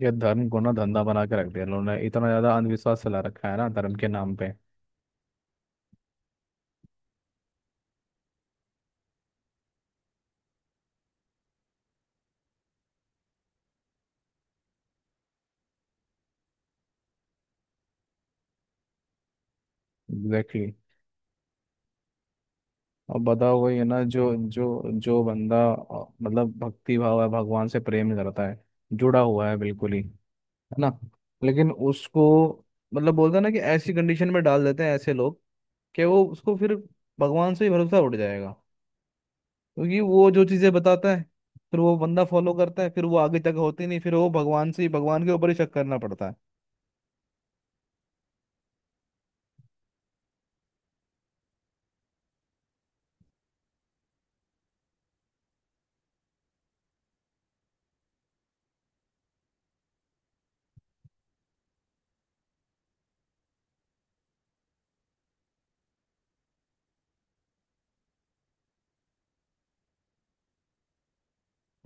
ये धर्म को ना धंधा बना के रख दिया इन्होंने। इतना ज्यादा अंधविश्वास फैला रखा है ना धर्म के नाम पे। Exactly exactly। और बताओ, वही है ना? जो जो जो बंदा मतलब भक्ति भाव है, भगवान से प्रेम करता है, जुड़ा हुआ है, बिल्कुल ही है ना। लेकिन उसको मतलब बोलते हैं ना कि ऐसी कंडीशन में डाल देते हैं ऐसे लोग, कि वो उसको फिर भगवान से ही भरोसा उठ जाएगा। क्योंकि वो जो चीजें बताता है, फिर वो बंदा फॉलो करता है, फिर वो आगे तक होती नहीं, फिर वो भगवान के ऊपर ही शक करना पड़ता है।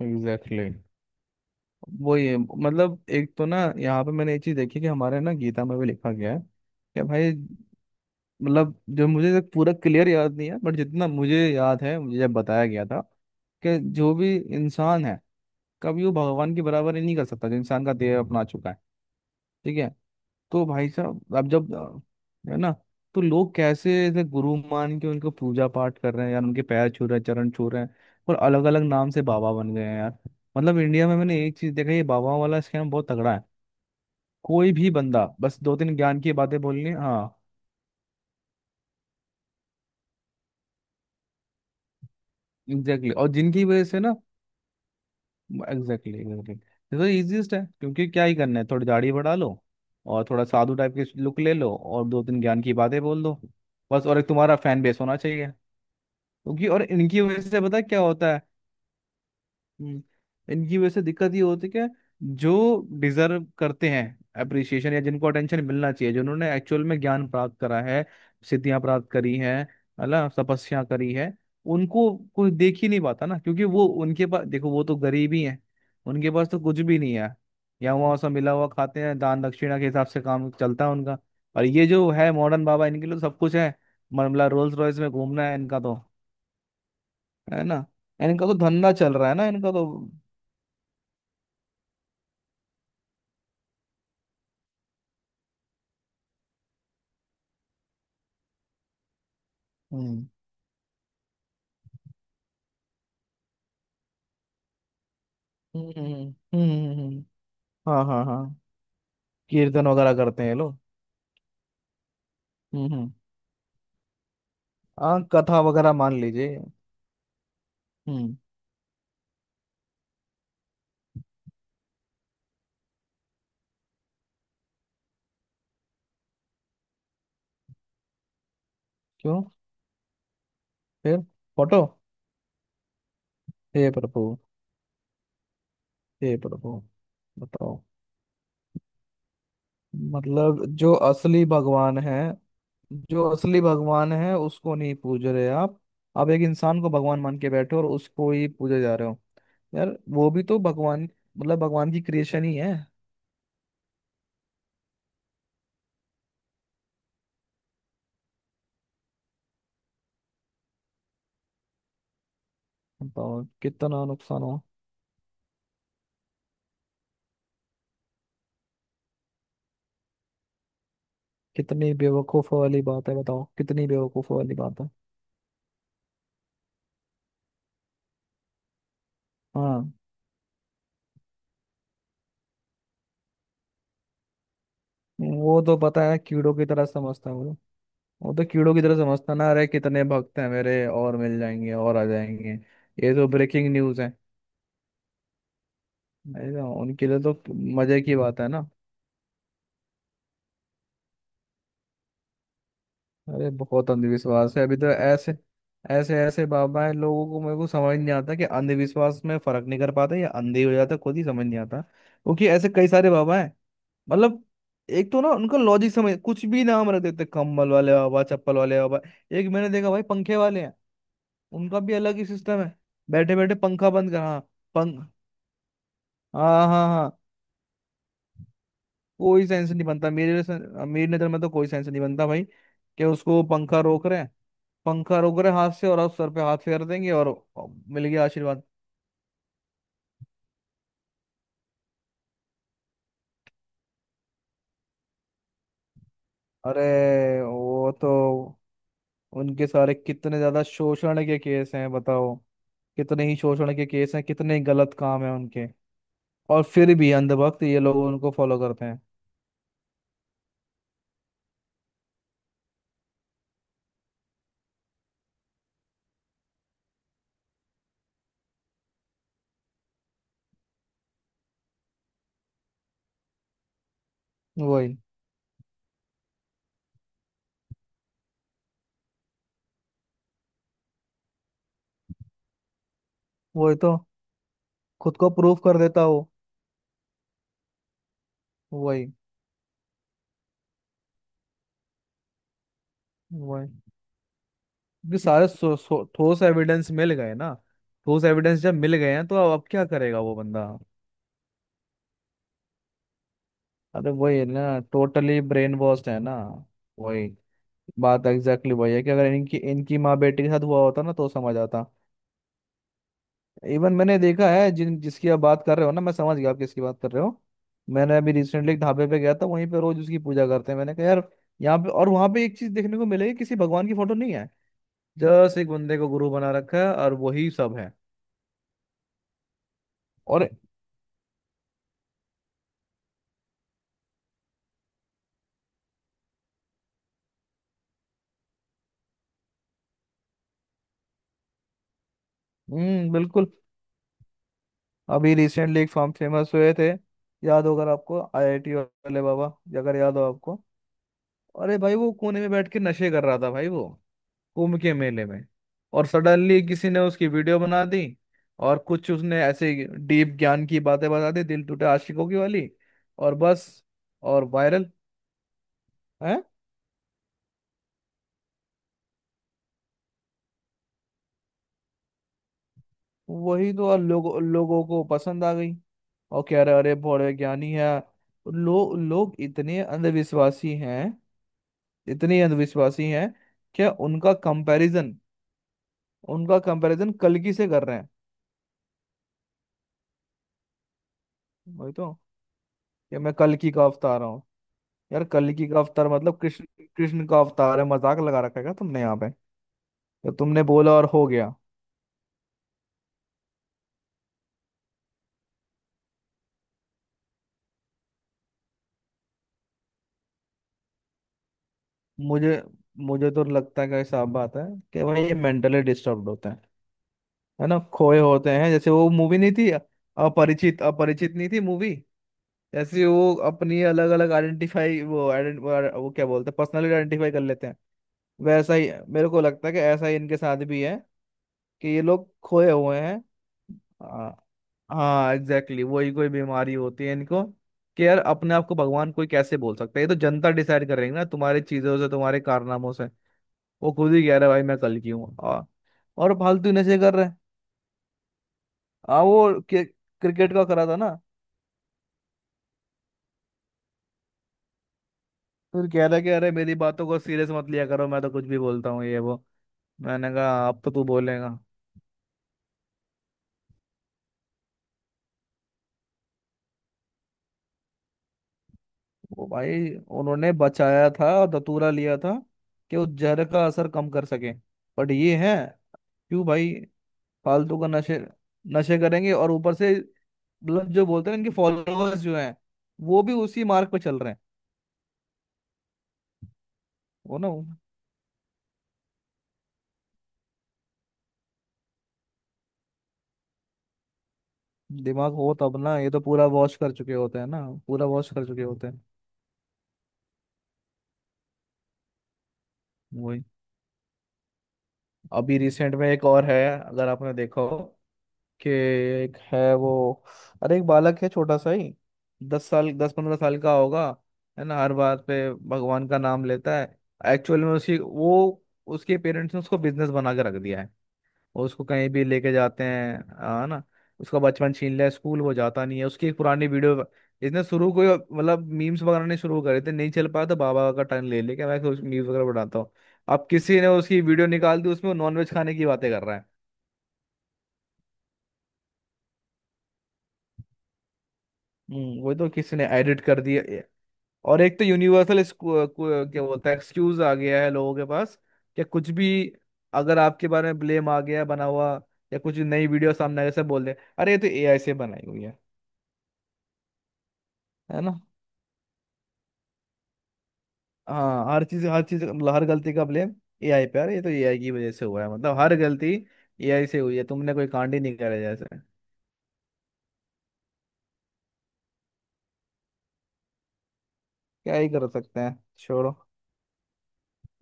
एग्जैक्टली वही है। मतलब एक तो ना, यहाँ पे मैंने एक चीज देखी कि हमारे ना गीता में भी लिखा गया है कि भाई, मतलब जो मुझे तक पूरा क्लियर याद नहीं है, बट जितना मुझे याद है, मुझे जब बताया गया था कि जो भी इंसान है, कभी वो भगवान की बराबरी नहीं कर सकता, जो इंसान का देह अपना चुका है। ठीक है? तो भाई साहब, अब जब है ना, तो लोग कैसे ऐसे गुरु मान के उनको पूजा पाठ कर रहे हैं, यार उनके पैर छू रहे हैं, चरण छू रहे हैं। और अलग अलग नाम से बाबा बन गए हैं यार। मतलब इंडिया में मैंने एक चीज देखा, ये बाबा वाला स्कैम बहुत तगड़ा है। कोई भी बंदा बस दो तीन ज्ञान की बातें बोलनी है, हाँ। Exactly exactly। और जिनकी वजह से ना, एग्जैक्टली एग्जैक्टली, ये तो easiest है। क्योंकि क्या ही करना है, थोड़ी दाढ़ी बढ़ा लो, और थोड़ा साधु टाइप के लुक ले लो, और दो तीन ज्ञान की बातें बोल दो बस। और एक तुम्हारा फैन बेस होना चाहिए। क्योंकि, और इनकी वजह से पता है क्या होता है। हम्म, इनकी वजह से दिक्कत ये होती है कि जो डिजर्व करते हैं अप्रिसिएशन, या जिनको अटेंशन मिलना चाहिए, जिन्होंने एक्चुअल में ज्ञान प्राप्त करा है, सिद्धियां प्राप्त करी हैं, है ना, तपस्या करी है, उनको कोई देख ही नहीं पाता ना। क्योंकि वो उनके पास, देखो, वो तो गरीब ही हैं, उनके पास तो कुछ भी नहीं है, या वहाँ से मिला हुआ खाते हैं, दान दक्षिणा के हिसाब से काम चलता है उनका। और ये जो है मॉडर्न बाबा, इनके लिए तो सब कुछ है। मतलब रोल्स रॉयस में घूमना है इनका तो। है ना, इनका तो धंधा चल रहा है ना इनका तो। हम्म हम्म। हम्म। हाँ हाँ हाँ। कीर्तन वगैरह करते हैं ये लोग। हम्म। हाँ कथा वगैरह मान लीजिए। हम्म। क्यों? फिर फोटो। हे प्रभु। हे प्रभु। बताओ, मतलब जो असली भगवान है, जो असली भगवान है, उसको नहीं पूज रहे आप। आप एक इंसान को भगवान मान के बैठे हो और उसको ही पूजे जा रहे हो। यार वो भी तो भगवान, मतलब भगवान की क्रिएशन ही है। बताओ कितना नुकसान हो। कितनी बेवकूफ़ वाली बात है, बताओ कितनी बेवकूफ़ वाली बात है। हाँ। वो तो पता है, कीड़ों की तरह समझता है वो। वो तो कीड़ों की तरह समझता ना, अरे कितने भक्त हैं मेरे, और मिल जाएंगे और आ जाएंगे। ये तो ब्रेकिंग न्यूज़ है। अरे ना, उनके लिए तो मजे की बात है ना। अरे बहुत अंधविश्वास है अभी तो। ऐसे ऐसे ऐसे बाबा है, लोगों को, मेरे को समझ नहीं आता कि अंधविश्वास में फर्क नहीं कर पाते या अंधे हो जाते खुद ही, समझ नहीं आता। क्योंकि ऐसे कई सारे बाबा हैं। मतलब एक तो ना उनका लॉजिक समझ, कुछ भी नाम रख देते, कम्बल वाले बाबा, चप्पल वाले बाबा। एक मैंने देखा भाई पंखे वाले हैं, उनका भी अलग ही सिस्टम है। बैठे बैठे पंखा बंद कर, हाँ। पंख। हाँ हाँ हाँ। कोई सेंस नहीं बनता मेरे से। मेरी नजर में तो कोई सेंस नहीं बनता भाई, कि उसको पंखा रोक रहे हैं। पंखा रोक रहे हैं हाथ से, और आप सर पे हाथ फेर देंगे और मिल गया आशीर्वाद। अरे वो तो, उनके सारे कितने ज्यादा शोषण के केस हैं बताओ। कितने ही शोषण के केस हैं, कितने ही गलत काम है उनके। और फिर भी अंधभक्त ये लोग उनको फॉलो करते हैं। वही। वही तो, खुद को प्रूफ कर देता हो। वही। वही। क्योंकि सारे ठोस एविडेंस मिल गए ना। ठोस एविडेंस जब मिल गए हैं, तो अब क्या करेगा वो बंदा। अरे वही है ना, टोटली ब्रेन वॉश्ड है ना। वही। बात एग्जैक्टली exactly वही है कि अगर इनकी इनकी माँ बेटी के साथ हुआ होता ना, तो समझ आता। इवन मैंने देखा है, जिन जिसकी आप बात कर रहे हो ना, मैं समझ गया आप किसकी बात कर रहे हो। मैंने अभी रिसेंटली एक ढाबे पे गया था, वहीं पे रोज उसकी पूजा करते हैं। मैंने कहा यार, यहाँ पे और वहां पे एक चीज देखने को मिलेगी, किसी भगवान की फोटो नहीं है। जस्ट एक बंदे को गुरु बना रखा है और वही सब है। और हम्म, बिल्कुल। अभी रिसेंटली एक फार्म फेमस हुए थे, याद होगा आपको, आईआईटी वाले बाबा, अगर याद हो आपको। अरे भाई वो कोने में बैठ के नशे कर रहा था भाई वो, कुंभ के मेले में। और सडनली किसी ने उसकी वीडियो बना दी, और कुछ उसने ऐसे डीप ज्ञान की बातें बता दी, दिल टूटे आशिकों की वाली। और बस, और वायरल है। वही तो, और लोगों लोगों को पसंद आ गई। और कह रहे अरे बड़े ज्ञानी है। लो, लोग इतने अंधविश्वासी हैं, इतने अंधविश्वासी हैं कि उनका कंपैरिजन, उनका कंपैरिजन कल्कि से कर रहे हैं। वही तो, कि मैं कल्कि का अवतार। यार कल्कि का अवतार मतलब कृष्ण, कृष्ण का अवतार है। मजाक लगा रखा है क्या तुमने यहाँ पे? तो तुमने बोला और हो गया। मुझे मुझे तो लगता है कि साफ बात है कि भाई, ये मेंटली डिस्टर्ब होते हैं। है ना, खोए होते हैं। जैसे वो मूवी नहीं थी, अपरिचित, अपरिचित नहीं थी मूवी। जैसे वो अपनी अलग अलग आइडेंटिफाई, वो आइडेंट, वो क्या बोलते हैं, पर्सनली आइडेंटिफाई कर लेते हैं। वैसा ही मेरे को लगता है कि ऐसा ही इनके साथ भी है, कि ये लोग खोए हुए हैं। हाँ एग्जैक्टली exactly, वही कोई बीमारी होती है इनको। कि यार अपने आप को भगवान कोई कैसे बोल सकता है, ये तो जनता डिसाइड करेंगे ना, तुम्हारी चीजों से, तुम्हारे कारनामों से। वो खुद ही कह रहा है भाई मैं कल की हूँ और फालतू नशे कर रहे हैं। वो क्रिकेट का करा था ना। तो फिर कह रहा है कि अरे मेरी बातों को सीरियस मत लिया करो, मैं तो कुछ भी बोलता हूँ, ये वो। मैंने कहा अब तो तू बोलेगा। वो भाई उन्होंने बचाया था और दतूरा लिया था, कि उस जहर का असर कम कर सके। बट ये है, क्यों भाई, फालतू का नशे, नशे करेंगे और ऊपर से, मतलब जो बोलते हैं ना, इनके फॉलोअर्स जो हैं, वो भी उसी मार्ग पर चल रहे हैं। वो, दिमाग हो तब ना, ये तो पूरा वॉश कर चुके होते हैं ना, पूरा वॉश कर चुके होते हैं। वही। अभी रिसेंट में एक और है अगर आपने देखा हो, कि एक है वो, अरे एक बालक है, छोटा सा ही, 10 साल, 10-15 साल का होगा। है ना, हर बात पे भगवान का नाम लेता है। एक्चुअल में उसकी वो, उसके पेरेंट्स ने उसको बिजनेस बना के रख दिया है, और उसको कहीं भी लेके जाते हैं। है ना, उसका बचपन छीन लिया, स्कूल वो जाता नहीं है। उसकी एक पुरानी वीडियो, इसने शुरू को ही, मतलब मीम्स बनाने शुरू करे थे, नहीं चल पाया तो बाबा का टर्न ले लेके, मैं मीम्स वगैरह बनाता हूँ। अब किसी ने उसकी वीडियो निकाल दी, उसमें नॉनवेज खाने की बातें कर रहा है। हम्म। वही तो, किसी ने एडिट कर दिया ए-। और एक तो यूनिवर्सल क्या बोलता है, एक्सक्यूज आ गया है लोगों के पास, कि कुछ भी, अगर आपके बारे में ब्लेम आ गया है बना हुआ, या कुछ नई वीडियो सामने आ गया, सब बोल दे अरे ये तो एआई से बनाई हुई है। है ना। हाँ हर चीज, हर चीज मतलब हर गलती का ब्लेम एआई पे आ रहा है, ये तो एआई की वजह से हुआ है, मतलब हर गलती एआई से हुई है, तुमने कोई कांड ही नहीं करे जैसे। क्या ही कर सकते हैं, छोड़ो।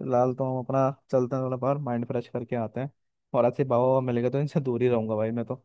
फिलहाल तो हम अपना चलते हैं, थोड़ा बाहर माइंड फ्रेश करके आते हैं। और अच्छे बाबा मिल गए तो इनसे दूर ही रहूंगा भाई मैं तो।